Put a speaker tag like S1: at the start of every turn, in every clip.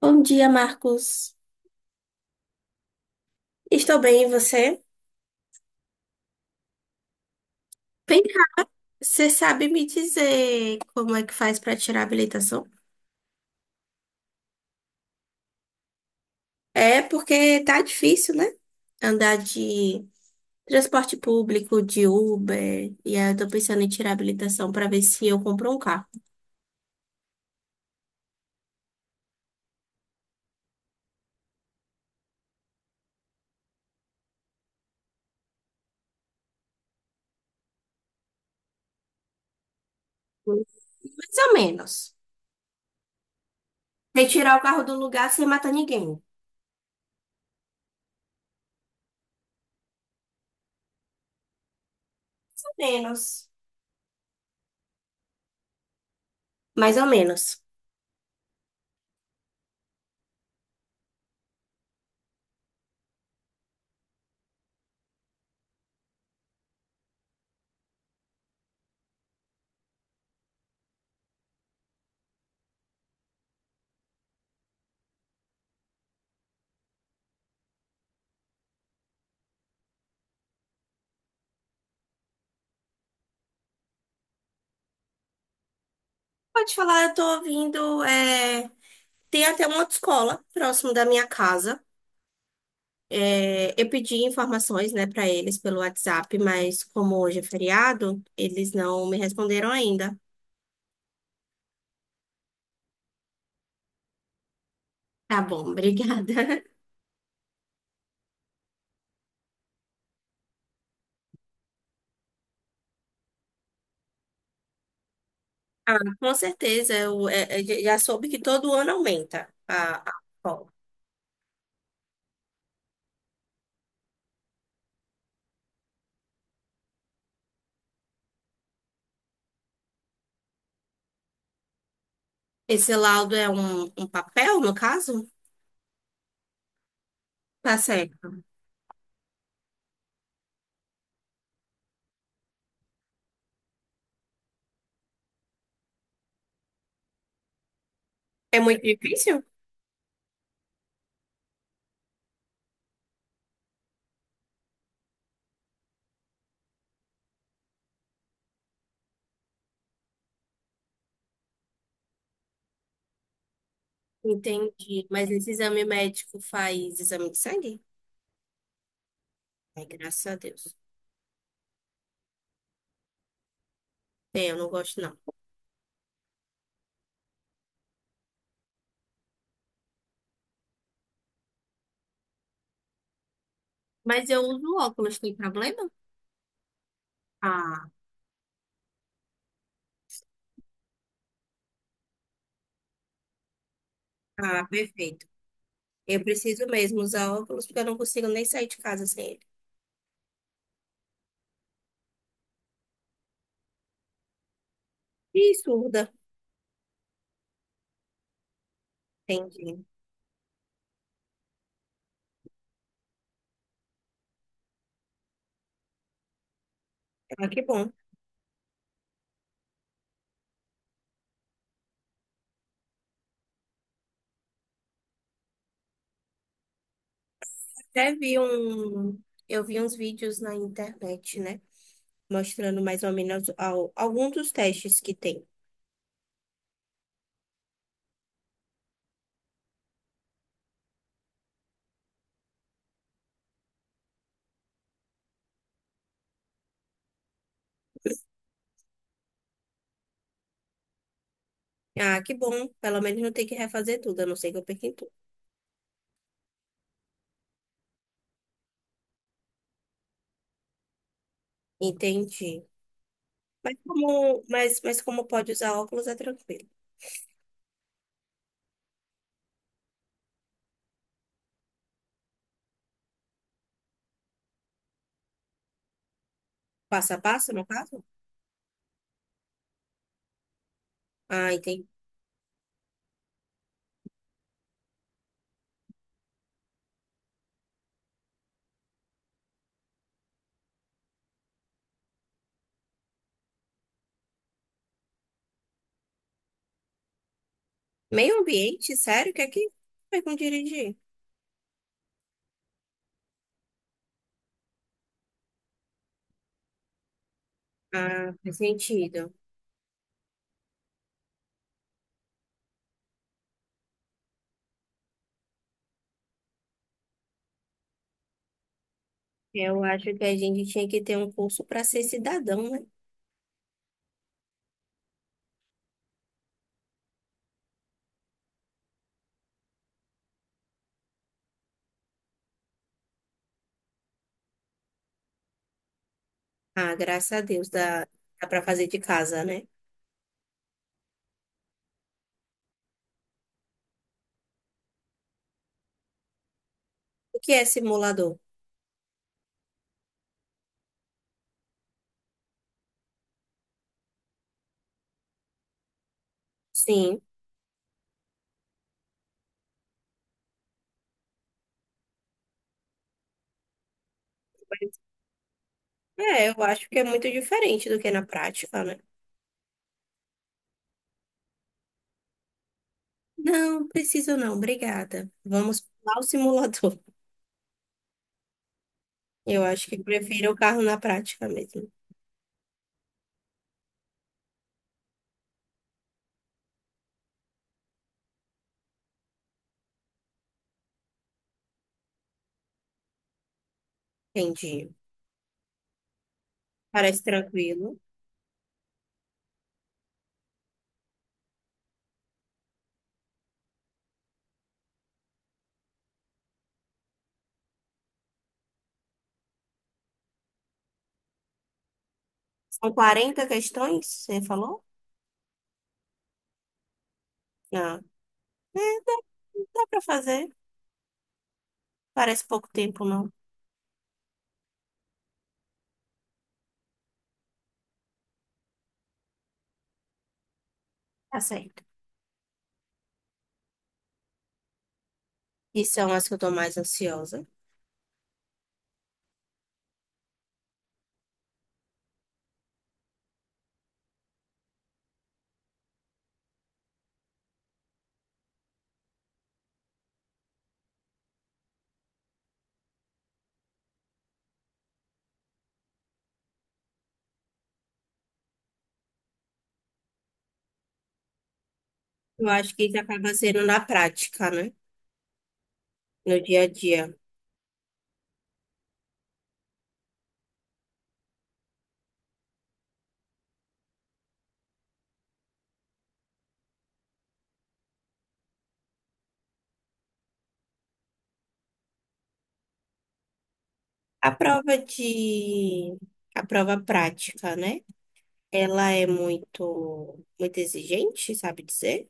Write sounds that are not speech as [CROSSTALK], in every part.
S1: Bom dia, Marcos. Estou bem, e você? Vem cá, você sabe me dizer como é que faz para tirar a habilitação? É porque tá difícil, né? Andar de transporte público, de Uber, e aí eu tô pensando em tirar a habilitação para ver se eu compro um carro. Mais ou menos. Retirar o carro do lugar sem matar ninguém. Mais ou menos. Mais ou menos. Pode falar, eu tô ouvindo. Tem até uma autoescola próximo da minha casa. É, eu pedi informações, né, para eles pelo WhatsApp, mas como hoje é feriado, eles não me responderam ainda. Tá bom, obrigada. [LAUGHS] Ah, com certeza, eu já soube que todo ano aumenta a escola. Esse laudo é um papel, no caso? Tá certo. É muito difícil? Entendi, mas esse exame médico faz exame de sangue? Ai, graças a Deus. Tem, eu não gosto não. Mas eu uso óculos, tem problema? Ah, ah, perfeito. Eu preciso mesmo usar óculos porque eu não consigo nem sair de casa sem ele. E surda. Entendi. Ah, que bom. Até vi um... Eu vi uns vídeos na internet, né? Mostrando mais ou menos alguns dos testes que tem. Ah, que bom. Pelo menos não tem que refazer tudo, a não ser que eu perca em tudo. Entendi. Mas como, mas como pode usar óculos é tranquilo. Passo a passo, no caso? Ah, entendi. Meio ambiente, sério? O que é que vai com dirigir? Ah, faz sentido. Eu acho que a gente tinha que ter um curso para ser cidadão, né? Ah, graças a Deus, dá, dá para fazer de casa, né? O que é simulador? Sim, mas eu acho que é muito diferente do que é na prática, né? Não, preciso não, obrigada. Vamos pular o simulador. [LAUGHS] Eu acho que prefiro o carro na prática mesmo. Entendi. Parece tranquilo. São 40 questões, você falou? Não. É, dá, dá para fazer. Parece pouco tempo, não. Tá certo. E são as que eu tô mais ansiosa. Eu acho que isso acaba sendo na prática, né? No dia a dia. A prova de... A prova prática, né? Ela é muito, muito exigente, sabe dizer?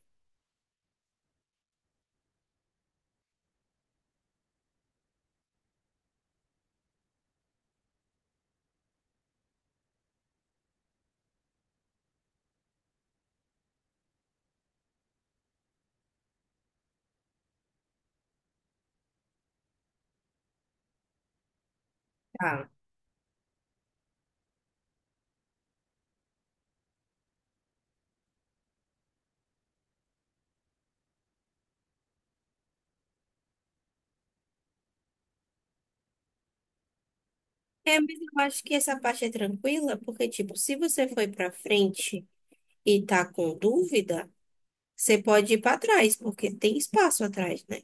S1: Tá. É, mas eu acho que essa parte é tranquila, porque, tipo, se você foi pra frente e tá com dúvida, você pode ir pra trás, porque tem espaço atrás, né?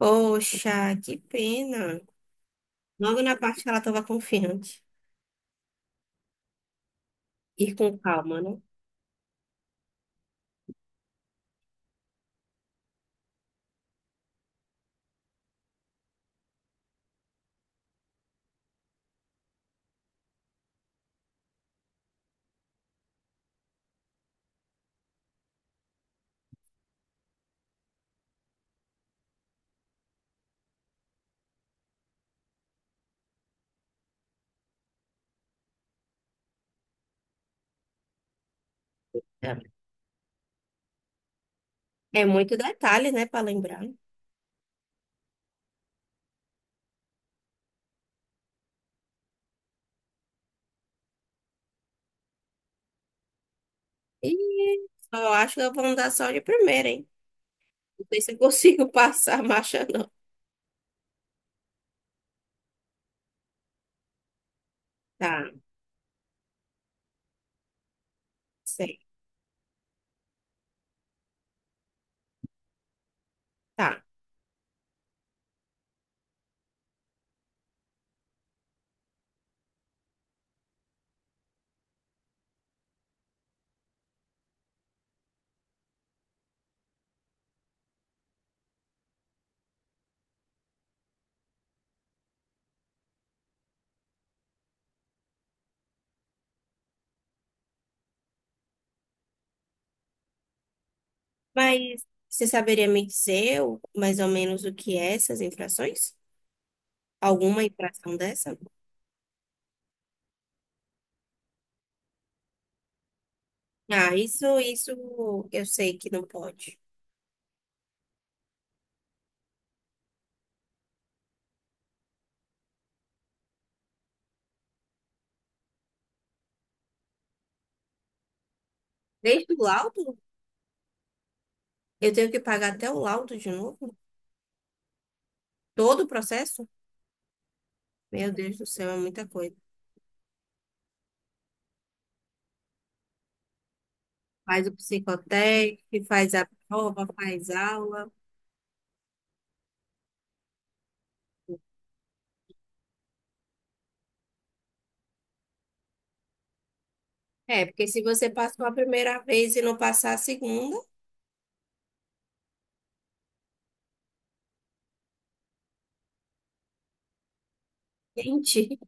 S1: Poxa, que pena. Logo na parte que ela tava confiante. Ir com calma, né? É. É muito detalhe, né, pra lembrar. E só acho que vão dar só de primeira, hein? Não sei se eu consigo [LAUGHS] passar a marcha, não. Tá, sei. Tá. Mas você saberia me dizer mais ou menos o que é essas infrações? Alguma infração dessa? Ah, isso eu sei que não pode. Desde o laudo? Eu tenho que pagar até o laudo de novo? Todo o processo? Meu Deus do céu, é muita coisa. Faz o psicotécnico, faz a prova, faz aula. É, porque se você passou a primeira vez e não passar a segunda, [LAUGHS] gente.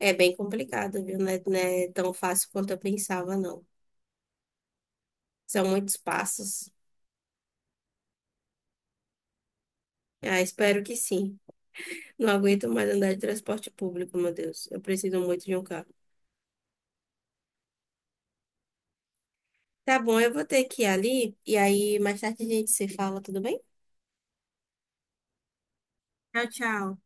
S1: É bem complicado, viu? Não é, não é tão fácil quanto eu pensava, não. São muitos passos. Ah, espero que sim. Não aguento mais andar de transporte público, meu Deus. Eu preciso muito de um carro. Tá bom, eu vou ter que ir ali e aí mais tarde a gente se fala, tudo bem? Tchau, tchau.